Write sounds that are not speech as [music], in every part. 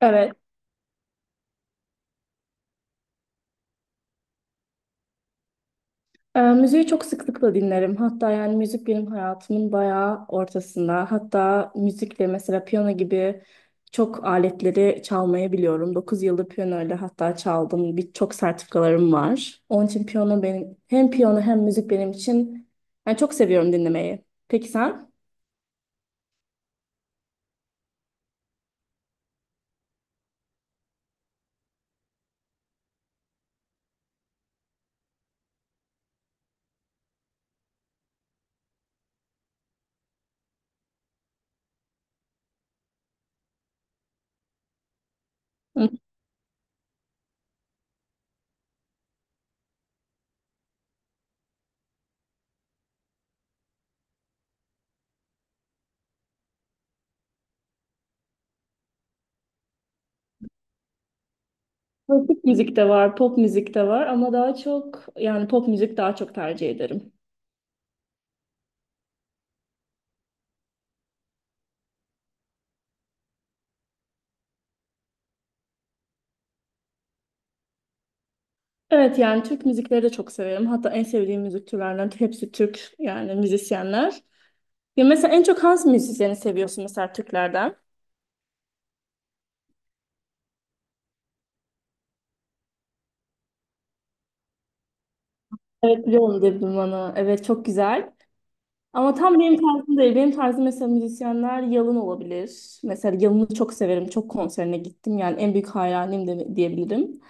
Evet. Müziği çok sıklıkla dinlerim. Hatta yani müzik benim hayatımın bayağı ortasında. Hatta müzikle mesela piyano gibi çok aletleri çalmayı biliyorum. 9 yıldır piyanoyla hatta çaldım. Birçok sertifikalarım var. Onun için piyano benim, hem piyano hem müzik benim için yani çok seviyorum dinlemeyi. Peki sen? Klasik müzik de var, pop müzik de var ama daha çok yani pop müzik daha çok tercih ederim. Evet, yani Türk müzikleri de çok severim. Hatta en sevdiğim müzik türlerinden hepsi Türk yani müzisyenler. Ya mesela en çok hangi müzisyeni seviyorsun, mesela Türklerden? Evet, biliyorum dedim bana. Evet, çok güzel. Ama tam benim tarzım değil. Benim tarzım mesela müzisyenler Yalın olabilir. Mesela Yalın'ı çok severim. Çok konserine gittim. Yani en büyük hayranıyım diyebilirim.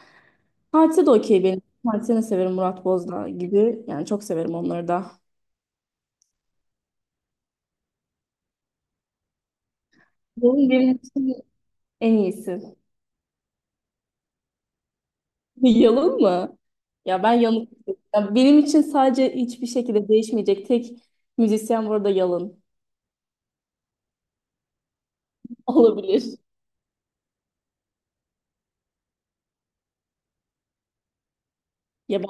Partide de okey benim. Partide de severim Murat Bozla gibi. Yani çok severim onları da. Yalın benim için en iyisi. [laughs] Yalın mı? Ya ben yanık. Ya benim için sadece hiçbir şekilde değişmeyecek tek müzisyen burada Yalın. [laughs] Olabilir. Ya ben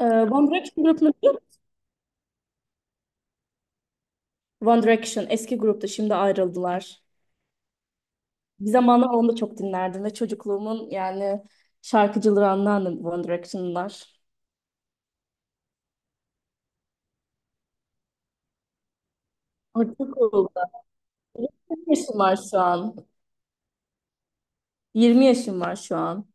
Ee, One Direction grubunu biliyor musun? One Direction eski grupta, şimdi ayrıldılar. Bir zamanlar onu da çok dinlerdim ve çocukluğumun yani şarkıcıları anlardım One Direction'lar. Artık oldu. Kaç yaşın var şu an? 20 yaşım var şu an.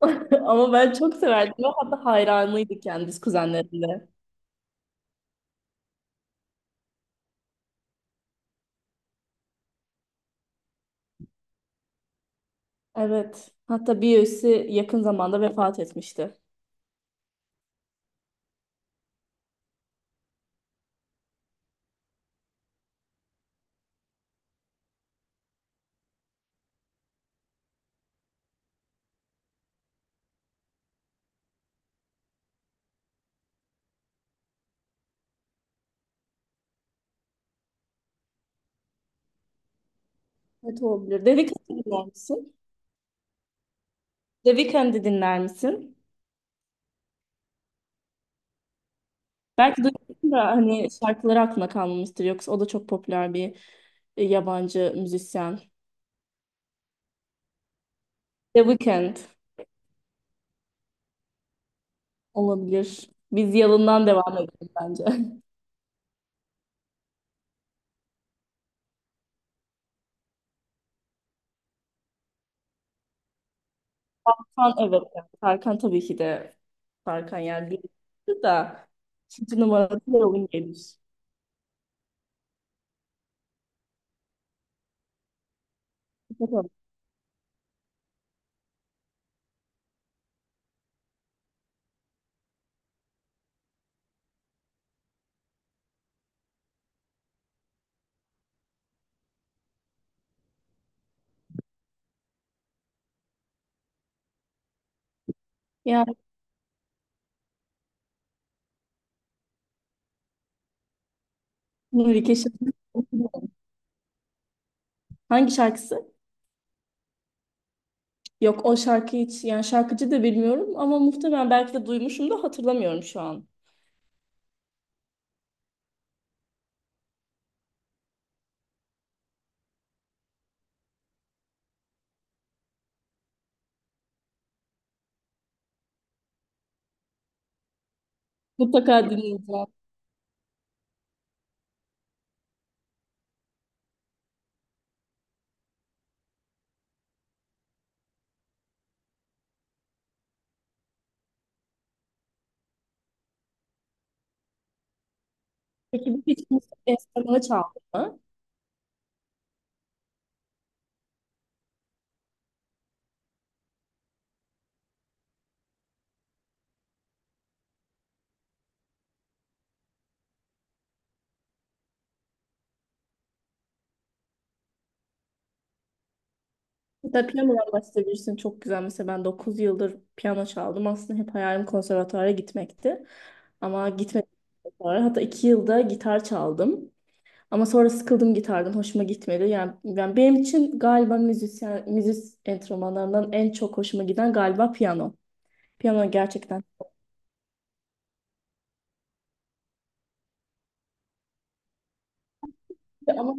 [laughs] Ama ben çok severdim. Ve hatta hayranıydı kendisi kuzenlerimle. Evet. Hatta bir üyesi yakın zamanda vefat etmişti. Evet, olabilir. The Weeknd'i dinler misin? The Weeknd'i dinler misin? Belki duymuşsun da hani şarkıları aklına kalmamıştır. Yoksa o da çok popüler bir yabancı müzisyen. The Weeknd. Olabilir. Biz Yalın'dan devam edelim bence. [laughs] Tarkan, evet, evet. Tarkan tabii ki de. Tarkan yani bir da, ikinci numarası Yalın gelir. Bakalım. Yani Nuri Şahin. Hangi şarkısı? Yok, o şarkı hiç, yani şarkıcı da bilmiyorum ama muhtemelen belki de duymuşum da hatırlamıyorum şu an. Mutlaka dinleyeceğim. Peki bu hiç müzik enstrümanı çaldın mı? Da piyanodan bahsedebilirsin. Çok güzel. Mesela ben 9 yıldır piyano çaldım. Aslında hep hayalim konservatuara gitmekti. Ama gitmedim sonra. Hatta 2 yılda gitar çaldım. Ama sonra sıkıldım gitardan. Hoşuma gitmedi. Yani, benim için galiba müzisyen, enstrümanlarından en çok hoşuma giden galiba piyano. Piyano gerçekten. Ama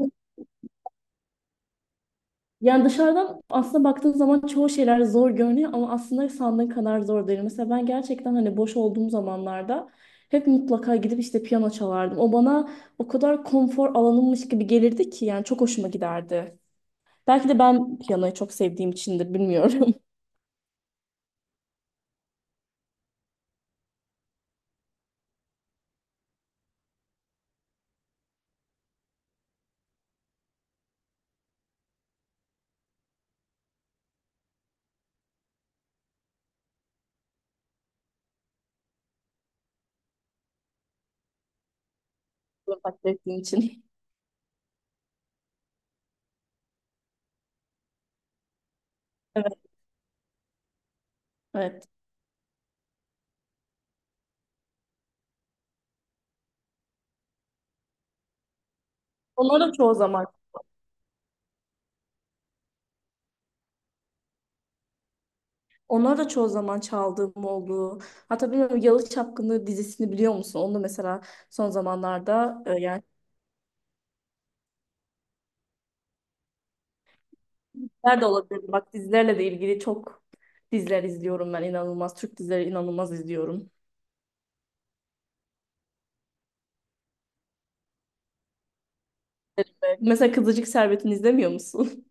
Yani dışarıdan aslında baktığın zaman çoğu şeyler zor görünüyor ama aslında sandığın kadar zor değil. Mesela ben gerçekten hani boş olduğum zamanlarda hep mutlaka gidip işte piyano çalardım. O bana o kadar konfor alanımmış gibi gelirdi ki yani çok hoşuma giderdi. Belki de ben piyanoyu çok sevdiğim içindir, bilmiyorum. [laughs] Takdir ettiğim için. Evet, evet. Onları da çoğu zaman, Onları da çoğu zaman çaldığım oldu. Hatta bilmiyorum, Yalı Çapkını dizisini biliyor musun? Onu da mesela son zamanlarda yani diziler de olabilir. Bak, dizilerle de ilgili çok diziler izliyorum ben, inanılmaz. Türk dizileri inanılmaz izliyorum. Mesela Kızılcık Şerbeti'ni izlemiyor musun?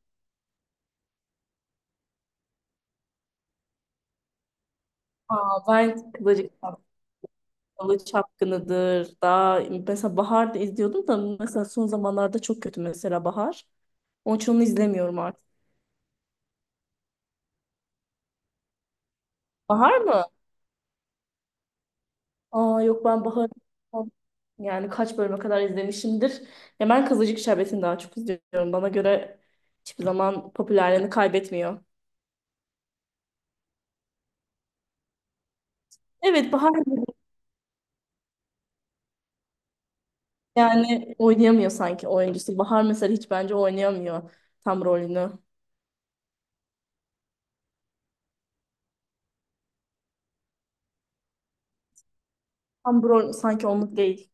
[laughs] Aa, ben Kızılcık Şerbeti, Çapkını'dır. Daha mesela Bahar'da izliyordum da mesela son zamanlarda çok kötü mesela Bahar. Onun için onu izlemiyorum artık. Bahar mı? Aa yok, ben Bahar yani kaç bölüme kadar izlemişimdir. Ya ben Kızılcık Şerbeti'ni daha çok izliyorum. Bana göre hiçbir zaman popülerliğini kaybetmiyor. Evet, Bahar yani oynayamıyor sanki oyuncusu. Bahar mesela hiç bence oynayamıyor tam rolünü. Tam bu rol sanki onluk değil.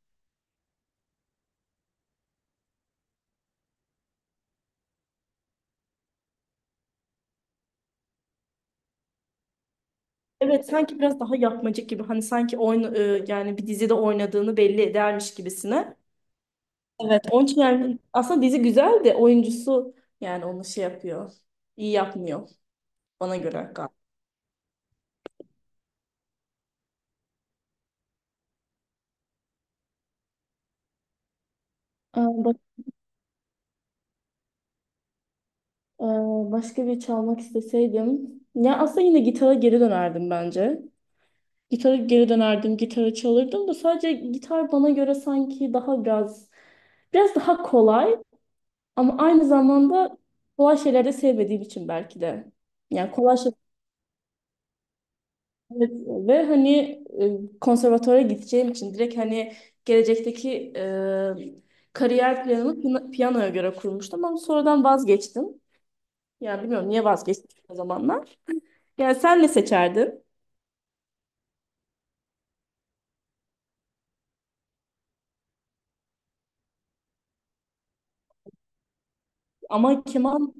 Evet, sanki biraz daha yapmacık gibi. Hani sanki yani bir dizide oynadığını belli edermiş gibisine. Evet, onun için yani aslında dizi güzel de oyuncusu yani onu şey yapıyor. İyi yapmıyor bana göre galiba. Bak, e, başka bir çalmak isteseydim. Ya aslında yine gitara geri dönerdim bence. Gitara geri dönerdim, gitara çalırdım da sadece gitar bana göre sanki daha biraz, daha kolay ama aynı zamanda kolay şeyleri de sevmediğim için belki de. Yani kolay şeyler, evet, ve hani konservatuvara gideceğim için direkt hani gelecekteki kariyer planımı piyanoya göre kurmuştum ama sonradan vazgeçtim. Yani bilmiyorum niye vazgeçtim o zamanlar. Yani sen ne seçerdin? Ama keman,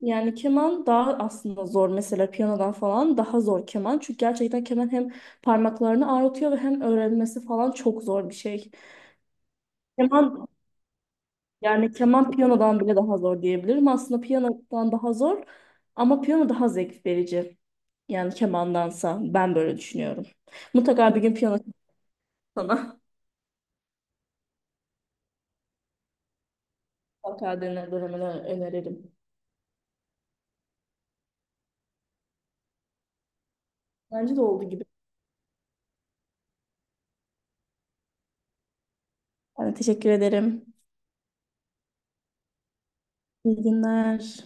yani keman daha aslında zor, mesela piyanodan falan daha zor keman. Çünkü gerçekten keman hem parmaklarını ağrıtıyor ve hem öğrenmesi falan çok zor bir şey. Keman yani keman piyanodan bile daha zor diyebilirim. Aslında piyanodan daha zor ama piyano daha zevk verici. Yani kemandansa ben böyle düşünüyorum. Mutlaka bir gün piyano sana. [laughs] Avokadonun dönemini öneririm. Bence de oldu gibi. Ben de teşekkür ederim. İyi günler.